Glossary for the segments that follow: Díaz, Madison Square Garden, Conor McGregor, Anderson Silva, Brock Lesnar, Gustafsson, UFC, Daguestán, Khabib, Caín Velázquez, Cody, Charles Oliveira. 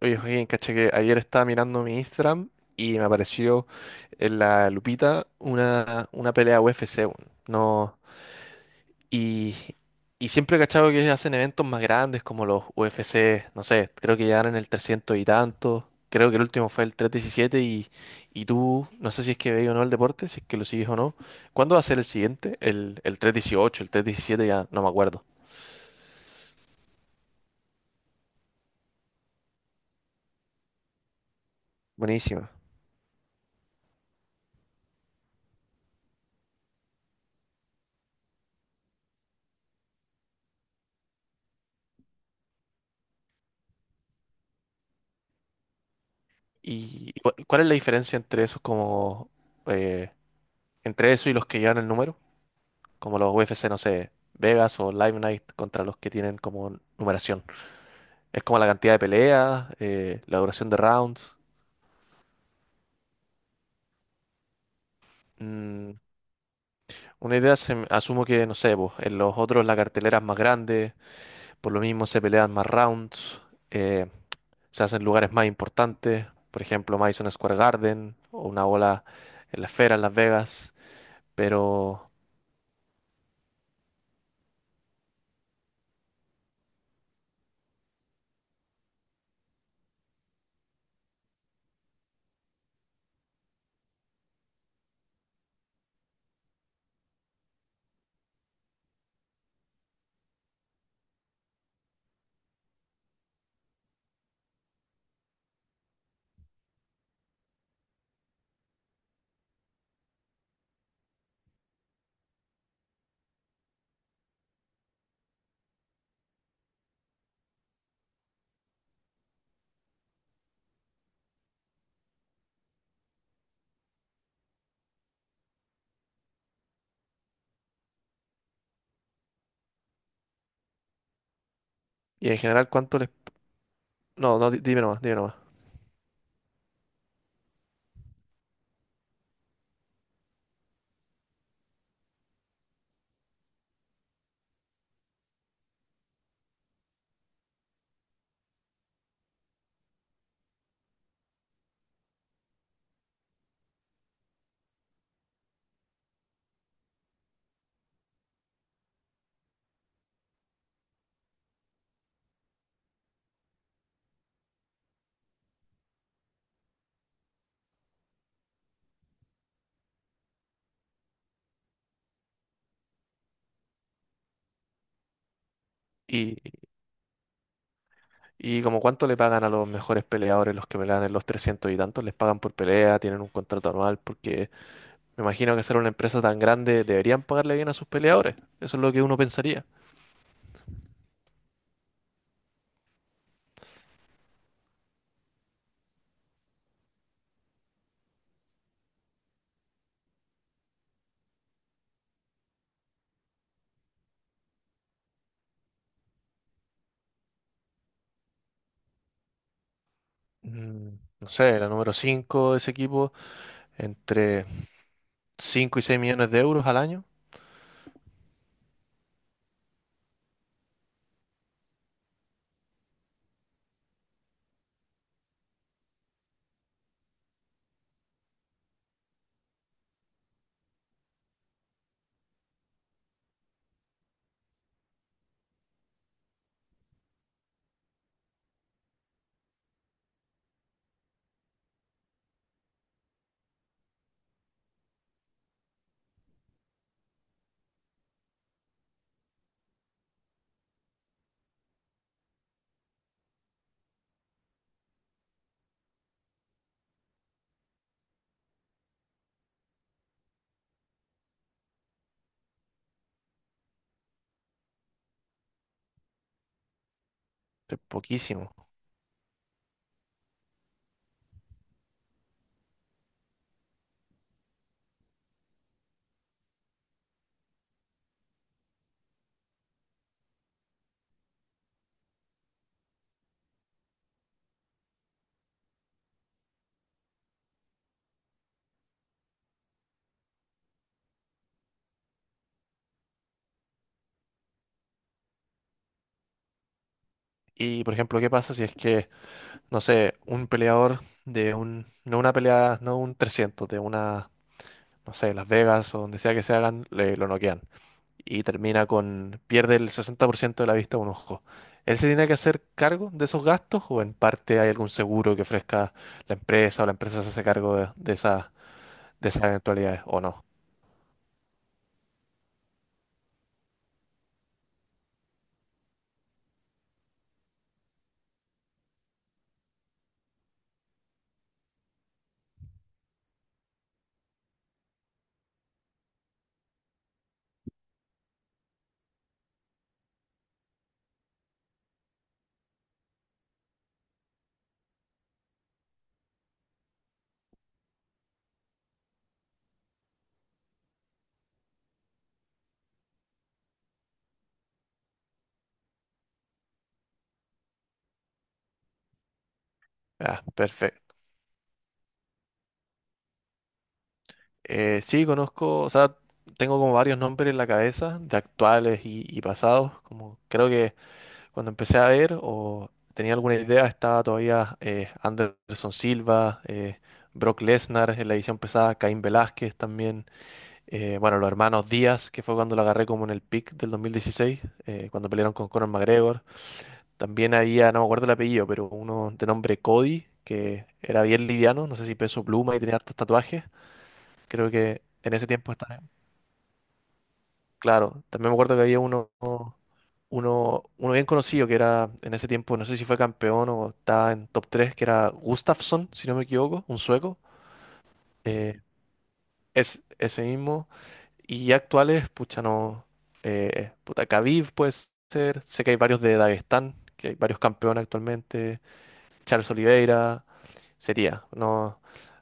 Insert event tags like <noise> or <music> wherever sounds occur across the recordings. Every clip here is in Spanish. Oye, Joaquín, caché que ayer estaba mirando mi Instagram y me apareció en la lupita una pelea UFC, weón. No, y, y siempre he cachado que hacen eventos más grandes como los UFC, no sé, creo que ya eran el 300 y tanto. Creo que el último fue el 317 y tú, no sé si es que veis o no el deporte, si es que lo sigues o no. ¿Cuándo va a ser el siguiente? El 318, el 317 ya no me acuerdo. Buenísima. ¿Y cuál es la diferencia entre esos como eh, entre eso y los que llevan el número, como los UFC, no sé, Vegas o Live Night contra los que tienen como numeración? Es como la cantidad de peleas, la duración de rounds. Mm, una idea, asumo que, no sé, pues, en los otros la cartelera es más grande, por lo mismo se pelean más rounds, eh, se hacen lugares más importantes, por ejemplo, Madison Square Garden o una bola en la esfera en Las Vegas. Pero, y en general, ¿cuánto les... No, no, dime nomás, dime nomás. Y, ¿y como cuánto le pagan a los mejores peleadores, los que pelean en los 300 y tantos? ¿Les pagan por pelea? ¿Tienen un contrato anual? Porque me imagino que ser una empresa tan grande deberían pagarle bien a sus peleadores. Eso es lo que uno pensaría. Mm, no sé, la número 5 de ese equipo, entre 5 y 6 millones de euros al año, es poquísimo. Y por ejemplo, ¿qué pasa si es que, no sé, un peleador de un, no una pelea, no un 300 de una, no sé, Las Vegas o donde sea que se hagan, le, lo noquean y termina con, pierde el 60% de la vista de un ojo? ¿Él se tiene que hacer cargo de esos gastos o en parte hay algún seguro que ofrezca la empresa o la empresa se hace cargo de esas eventualidades o no? Ah, perfecto. Sí, conozco, o sea, tengo como varios nombres en la cabeza de actuales y pasados, como creo que cuando empecé a ver o tenía alguna idea estaba todavía Anderson Silva, Brock Lesnar en la edición pesada, Caín Velázquez también. Bueno, los hermanos Díaz, que fue cuando lo agarré como en el pick del 2016, cuando pelearon con Conor McGregor. También había, no me acuerdo el apellido, pero uno de nombre Cody, que era bien liviano, no sé si peso pluma, y tenía hartos tatuajes. Creo que en ese tiempo estaba... Claro, también me acuerdo que había uno, uno bien conocido que era en ese tiempo, no sé si fue campeón o estaba en top 3, que era Gustafsson, si no me equivoco, un sueco. Eh, Es ese mismo. Y actuales, pucha, no. Puta, Khabib puede ser. Sé que hay varios de Daguestán, que hay varios campeones actualmente. Charles Oliveira. Sería, no,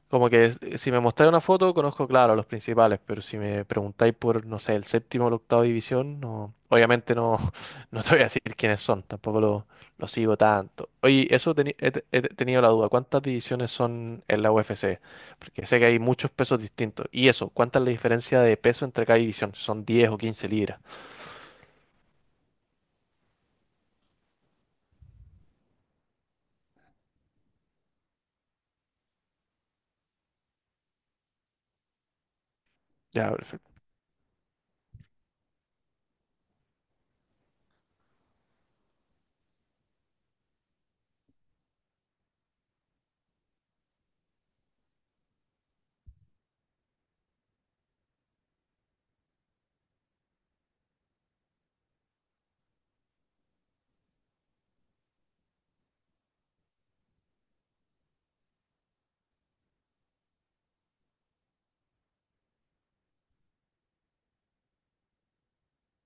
como que si me mostráis una foto, conozco, claro, los principales, pero si me preguntáis por, no sé, el séptimo o la octava división, no, obviamente no, <laughs> no te voy a decir quiénes son, tampoco lo sigo tanto. Oye, eso tenido la duda, ¿cuántas divisiones son en la UFC? Porque sé que hay muchos pesos distintos. Y eso, ¿cuánta es la diferencia de peso entre cada división? Si ¿Son 10 o 15 libras? Ya, perfecto.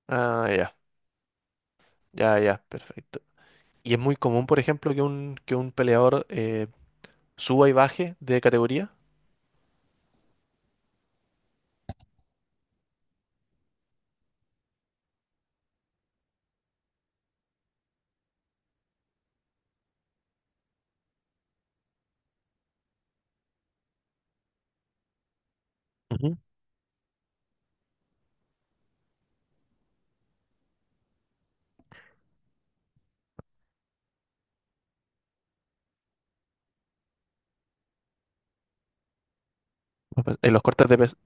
Ah, ya, ya, ya, perfecto. Y es muy común, por ejemplo, que un peleador suba y baje de categoría? Ujú. Los cortes de peso.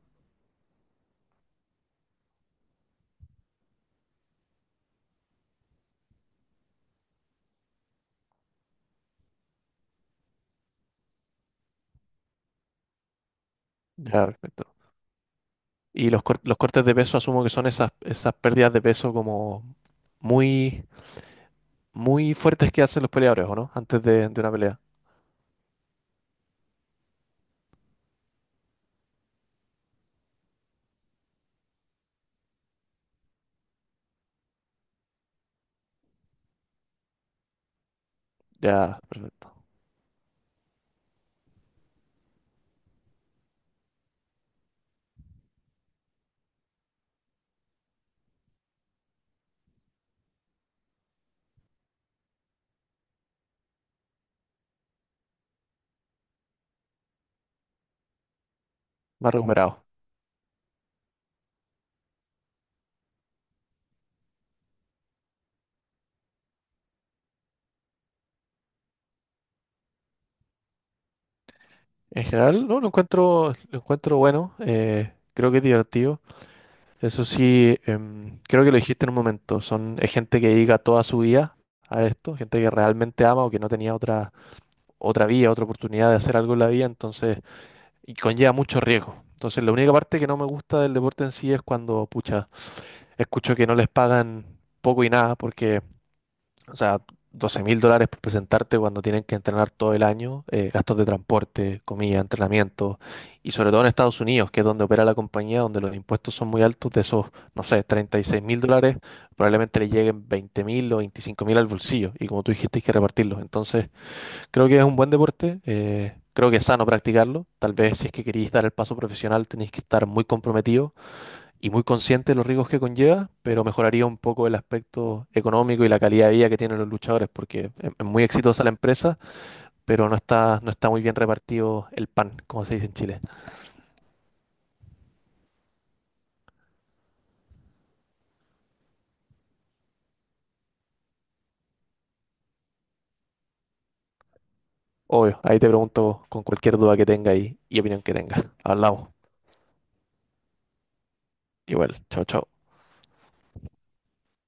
Ya, perfecto. Y los, los cortes de peso asumo que son esas, esas pérdidas de peso como muy, muy fuertes que hacen los peleadores, ¿o no? Antes de una pelea. Ya, perfecto. Más recuperado. En general, no, lo encuentro bueno. Creo que es divertido. Eso sí, creo que lo dijiste en un momento, son es gente que dedica toda su vida a esto, gente que realmente ama o que no tenía otra, otra vía, otra oportunidad de hacer algo en la vida, entonces, y conlleva mucho riesgo. Entonces, la única parte que no me gusta del deporte en sí es cuando, pucha, escucho que no les pagan poco y nada, porque o sea, $12.000 por presentarte cuando tienen que entrenar todo el año, gastos de transporte, comida, entrenamiento, y sobre todo en Estados Unidos, que es donde opera la compañía, donde los impuestos son muy altos, de esos, no sé, $36.000, probablemente le lleguen 20.000 o 25.000 al bolsillo, y como tú dijiste, hay que repartirlos. Entonces, creo que es un buen deporte, creo que es sano practicarlo, tal vez si es que queréis dar el paso profesional tenéis que estar muy comprometidos y muy consciente de los riesgos que conlleva, pero mejoraría un poco el aspecto económico y la calidad de vida que tienen los luchadores, porque es muy exitosa la empresa, pero no está, no está muy bien repartido el pan, como se dice en Chile. Obvio, ahí te pregunto con cualquier duda que tenga y opinión que tenga. Hablamos. Igual, chao, chao.